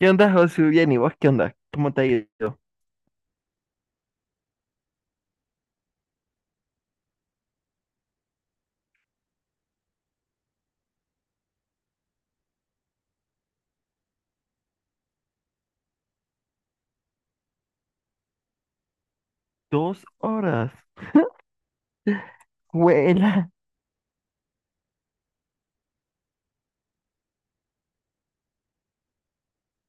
¿Qué onda, José? Bien, ¿y vos qué onda? ¿Cómo te ha ido? Dos horas. ¡Huela!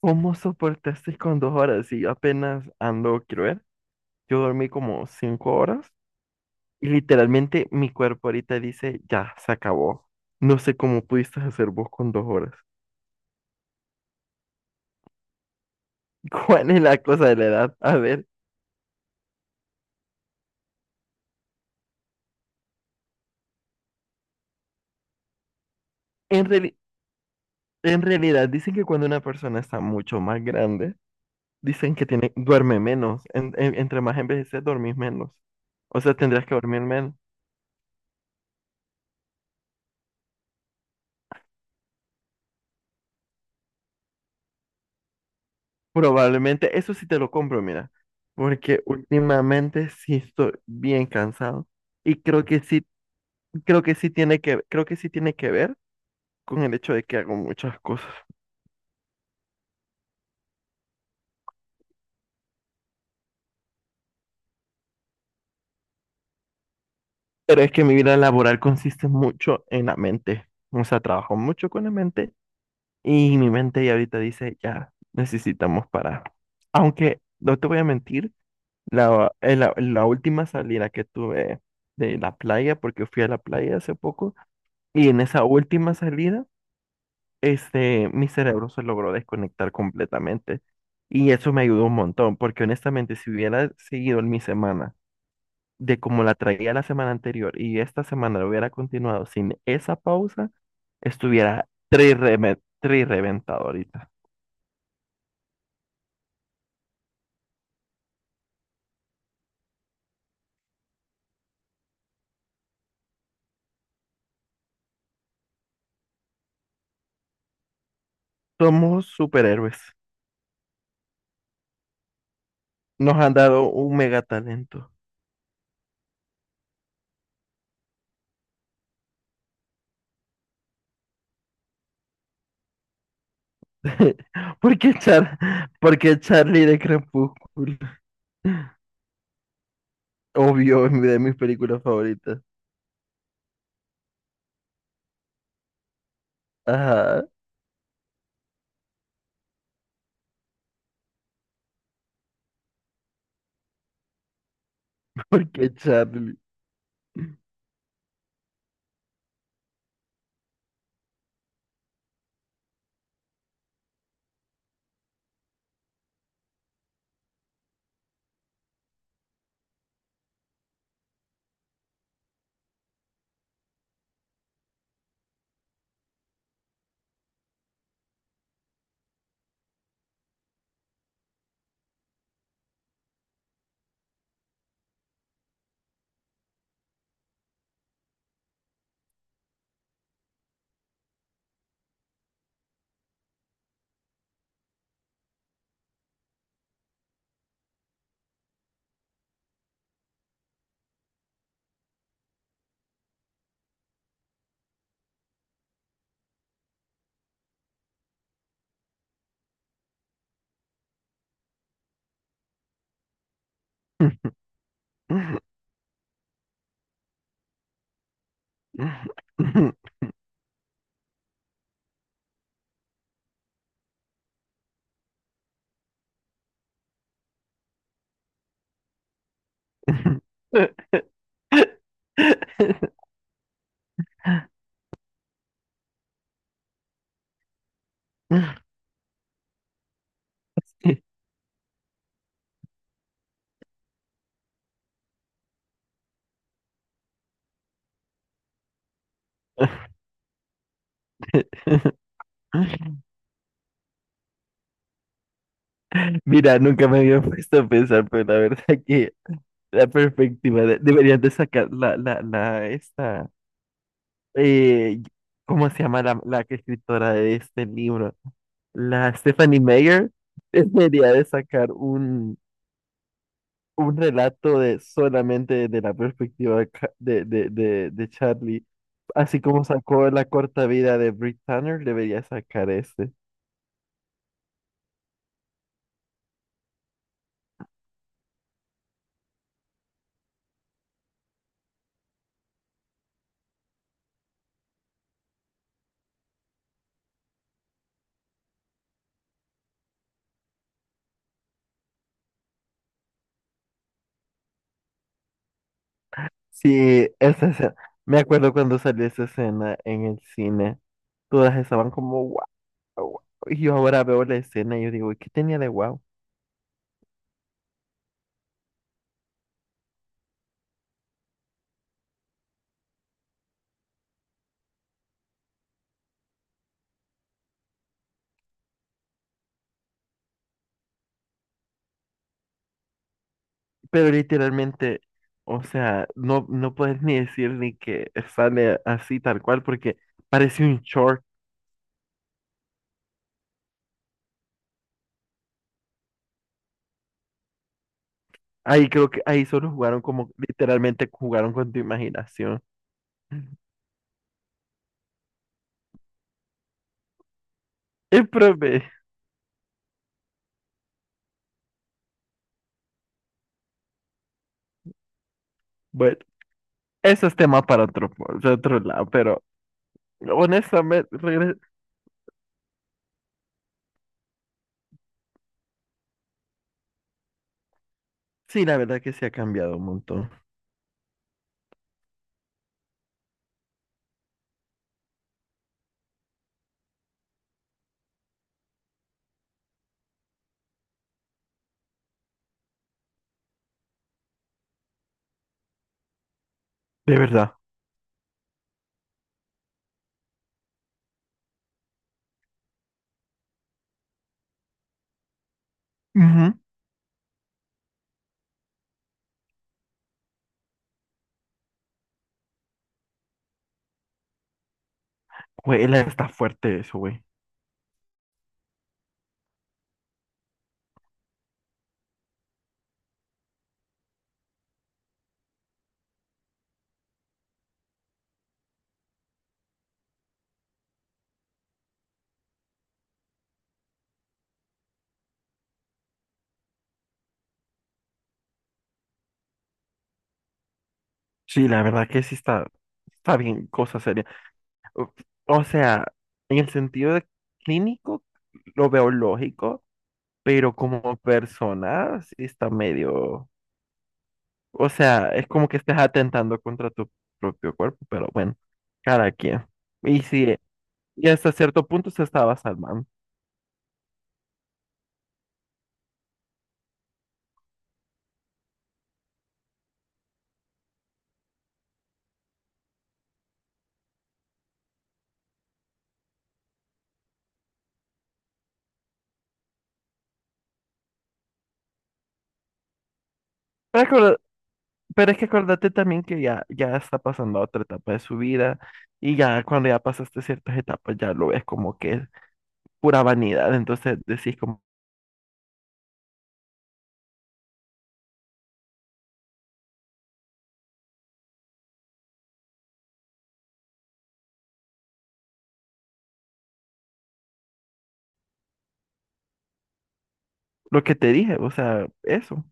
¿Cómo soportaste con dos horas? Y yo apenas ando, quiero ver. Yo dormí como cinco horas y literalmente mi cuerpo ahorita dice, ya, se acabó. No sé cómo pudiste hacer vos con dos horas. ¿Cuál es la cosa de la edad? A ver, en reali- en realidad dicen que cuando una persona está mucho más grande, dicen que tiene, duerme menos. Entre más envejeces, dormís menos. O sea, tendrías que dormir menos. Probablemente, eso sí te lo compro, mira, porque últimamente sí estoy bien cansado y creo que sí, creo que sí tiene que ver con el hecho de que hago muchas cosas. Pero es que mi vida laboral consiste mucho en la mente, o sea, trabajo mucho con la mente y mi mente ya ahorita dice, ya necesitamos parar. Aunque no te voy a mentir, en la última salida que tuve de la playa, porque fui a la playa hace poco, y en esa última salida mi cerebro se logró desconectar completamente. Y eso me ayudó un montón, porque honestamente, si hubiera seguido en mi semana de como la traía la semana anterior y esta semana lo hubiera continuado sin esa pausa, estuviera tri reventado ahorita. Somos superhéroes. Nos han dado un mega talento. Porque Char, porque Charlie de Crepúsculo, obvio, es de mis películas favoritas. Ajá, porque Charlie. Mira, nunca me había puesto a pensar, pero la verdad que la perspectiva deberían de sacar eh, ¿cómo se llama la que escritora de este libro? La Stephanie Meyer debería de sacar un relato de solamente de la perspectiva de, de Charlie. Así como sacó la corta vida de Brit Tanner, debería sacar ese. Sí, esa escena. Me acuerdo cuando salió esa escena en el cine. Todas estaban como wow, wow. Y yo ahora veo la escena y yo digo, ¿qué tenía de wow? Pero literalmente, o sea, no, no puedes ni decir ni que sale así tal cual, porque parece un short. Ahí creo que ahí solo jugaron como literalmente jugaron con tu imaginación. Y profe, bueno, eso es tema para otro lado, pero. Honestamente, sí, la verdad que se ha cambiado un montón. De verdad. Ujú. Güey, está fuerte eso, güey. Sí, la verdad que sí está, está bien, cosa seria. O o sea, en el sentido de clínico, lo veo lógico, pero como persona, sí está medio. O sea, es como que estés atentando contra tu propio cuerpo, pero bueno, cada quien. Y sí, y hasta cierto punto se estaba salvando. Pero es que acuérdate también que ya, ya está pasando a otra etapa de su vida y ya cuando ya pasaste ciertas etapas ya lo ves como que es pura vanidad. Entonces decís como lo que te dije, o sea, eso.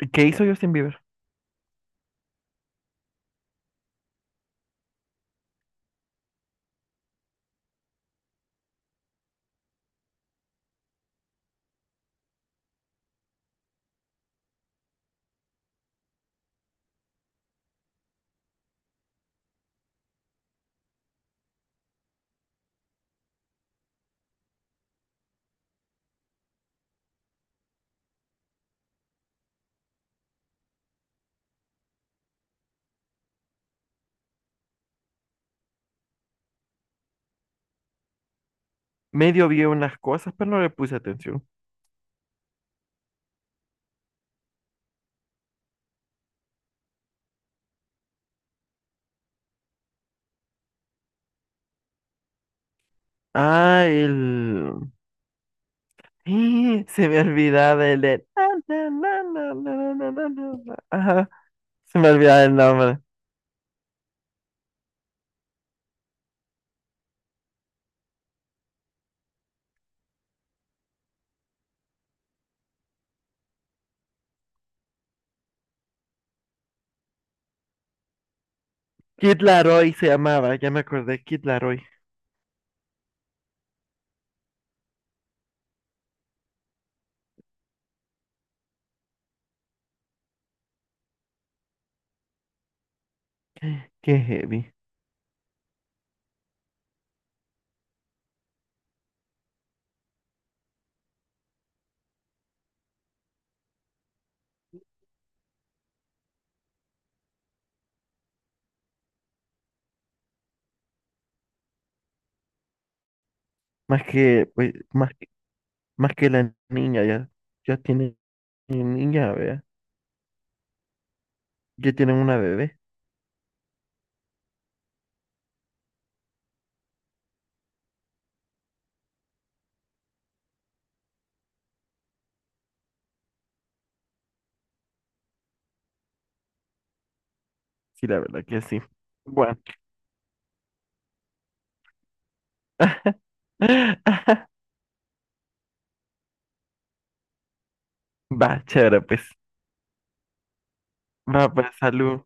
¿Qué hizo Justin Bieber? Medio vi unas cosas, pero no le puse atención. Ah, el... ¡Ih! Se me olvidaba el... de- na, na, na, na, na, na, na, na. Ajá, se me olvidaba el nombre. Kid Laroi se llamaba, ya me acordé, Kid Laroi. Qué heavy. Más que, pues, más Más que la niña, ya, ya tiene niña, vea. Ya tienen una bebé. Sí, la verdad que sí. Bueno. Va, chévere, pues. Va, pues, salud.